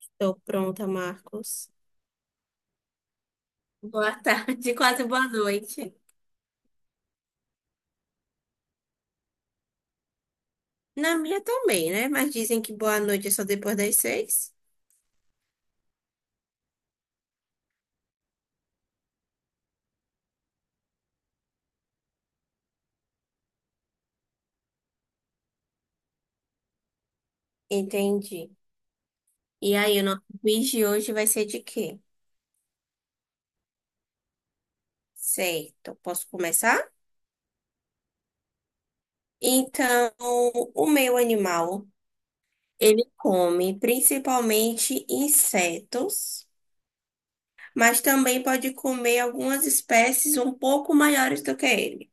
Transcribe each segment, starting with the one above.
Estou pronta, Marcos. Boa tarde, quase boa noite. Na minha também, né? Mas dizem que boa noite é só depois das 6. Entendi. E aí, o nosso quiz de hoje vai ser de quê? Certo. Posso começar? Então, o meu animal, ele come principalmente insetos, mas também pode comer algumas espécies um pouco maiores do que ele.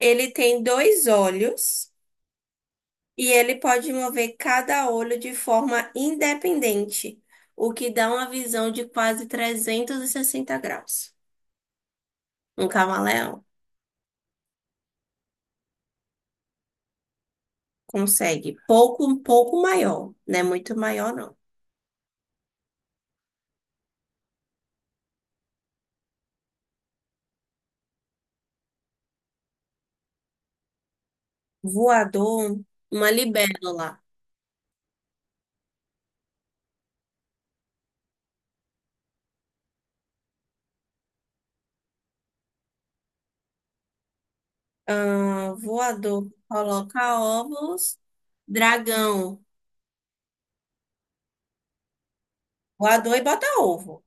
Ele tem dois olhos. E ele pode mover cada olho de forma independente, o que dá uma visão de quase 360 graus. Um camaleão consegue pouco, um pouco maior, não é muito maior, não. Voador, uma libélula. Ah, voador coloca ovos, dragão, voador e bota ovo,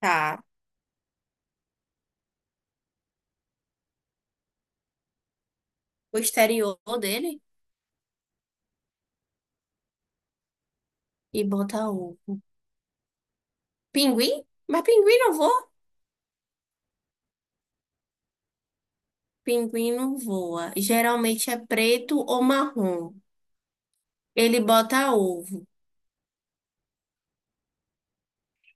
tá? O exterior dele e bota ovo. Pinguim? Mas pinguim não voa. Pinguim não voa. Geralmente é preto ou marrom. Ele bota ovo.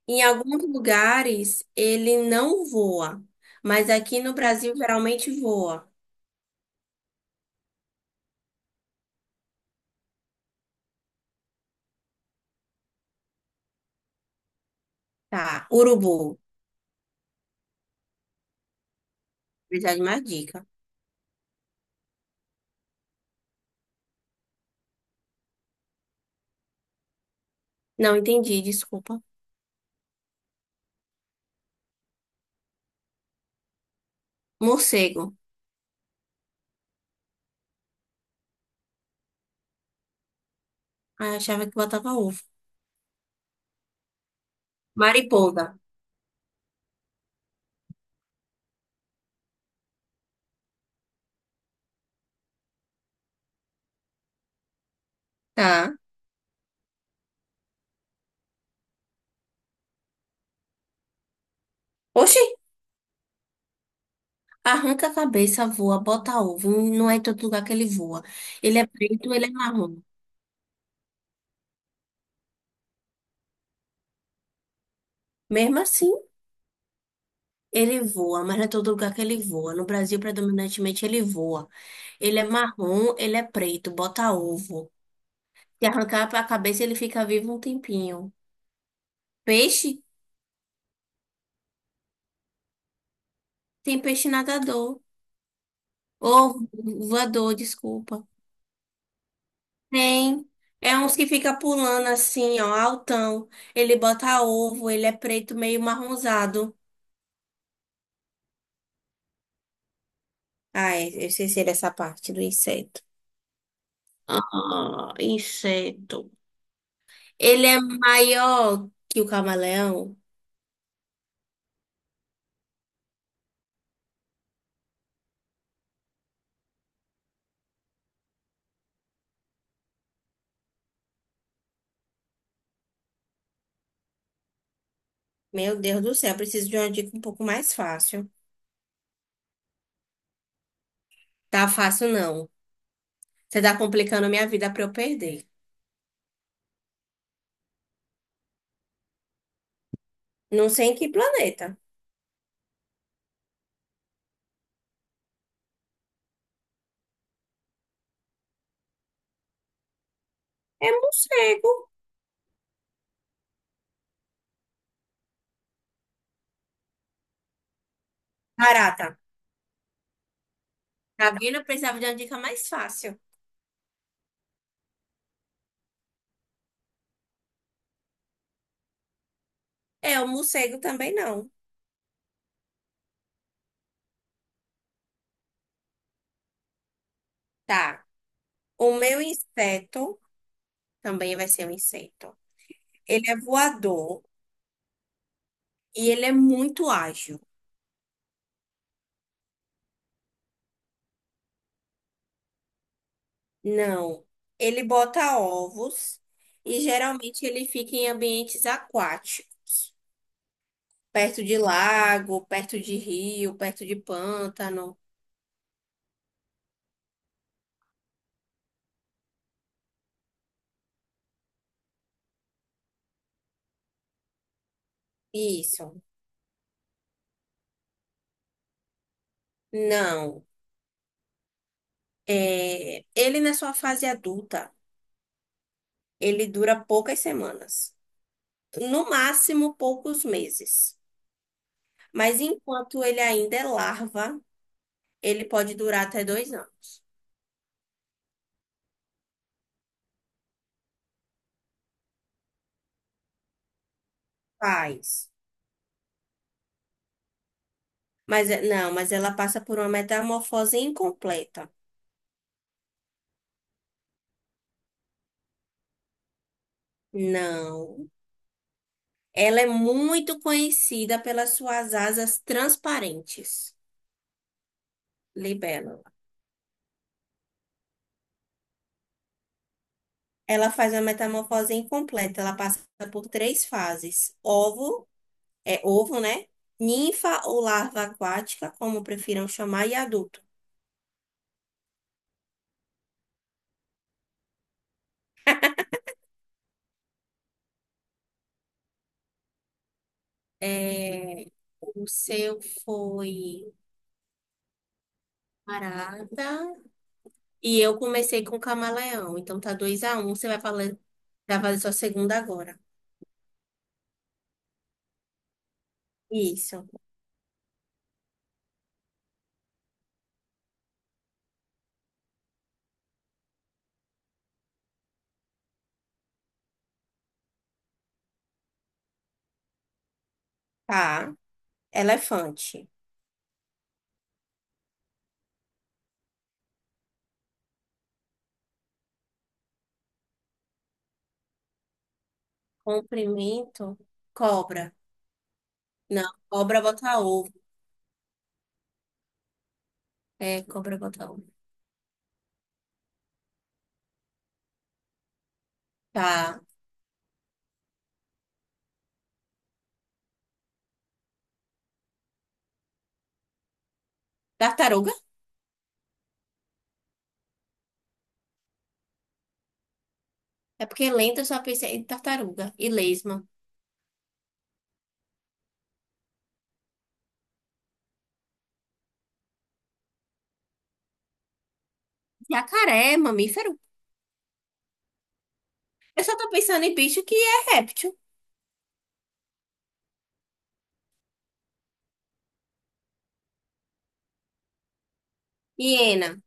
Em alguns lugares ele não voa, mas aqui no Brasil geralmente voa. Tá, urubu. Precisa de mais dica. Não entendi, desculpa. Morcego. Ah, eu achava que botava ovo. Mariposa. Tá. Oxi, arranca a cabeça, voa, bota ovo. Não é em todo lugar que ele voa. Ele é preto, ele é marrom. Mesmo assim. Ele voa, mas não é todo lugar que ele voa. No Brasil, predominantemente, ele voa. Ele é marrom, ele é preto, bota ovo. Se arrancar a cabeça, ele fica vivo um tempinho. Peixe? Tem peixe nadador. Ou voador, desculpa. Tem. É uns que fica pulando assim, ó, altão. Ele bota ovo, ele é preto, meio marronzado. Ah, é, eu sei se ele é essa parte do inseto. Ah, inseto. Ele é maior que o camaleão? Meu Deus do céu, eu preciso de uma dica um pouco mais fácil. Tá fácil, não. Você tá complicando a minha vida pra eu perder. Não sei em que planeta. É morcego. Barata. Tá vendo? Eu precisava de uma dica mais fácil. É, o morcego também não. Tá. O meu inseto também vai ser um inseto. Ele é voador e ele é muito ágil. Não. Ele bota ovos e geralmente ele fica em ambientes aquáticos. Perto de lago, perto de rio, perto de pântano. Isso. Não. É, ele na sua fase adulta, ele dura poucas semanas. No máximo, poucos meses. Mas enquanto ele ainda é larva, ele pode durar até 2 anos. Faz. Não, mas ela passa por uma metamorfose incompleta. Não. Ela é muito conhecida pelas suas asas transparentes. Libélula. Ela faz uma metamorfose incompleta. Ela passa por três fases: ovo, é ovo, né? Ninfa ou larva aquática, como prefiram chamar, e adulto. É, o seu foi parada. E eu comecei com camaleão. Então tá 2-1. Você vai falar, vai fazer sua segunda agora. Isso. Tá. Elefante. Comprimento. Cobra. Não, cobra bota ovo. É, cobra bota ovo. Tá. Tartaruga. É porque lenta eu só pensei em tartaruga e lesma. Jacaré, é mamífero. Eu só tô pensando em bicho que é réptil. Hiena,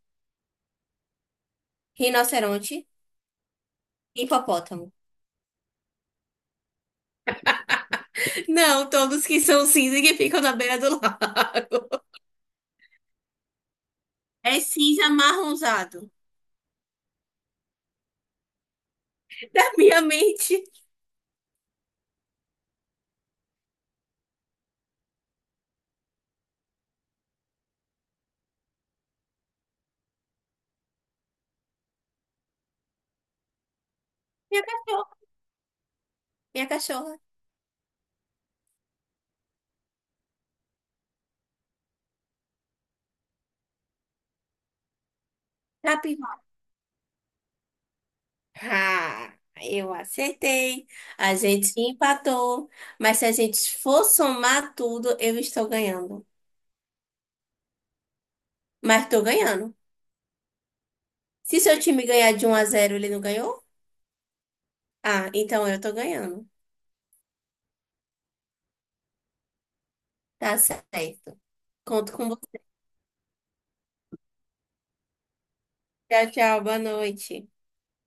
rinoceronte, hipopótamo. Não, todos que são cinza e que ficam na beira do lago. É cinza amarronzado. Da minha mente. Minha cachorra. Minha cachorra. Capivara. Ah, eu acertei. A gente empatou. Mas se a gente for somar tudo, eu estou ganhando. Mas tô ganhando. Se seu time ganhar de 1-0 ele não ganhou? Ah, então eu tô ganhando. Tá certo. Conto com você. Tchau, tchau. Boa noite.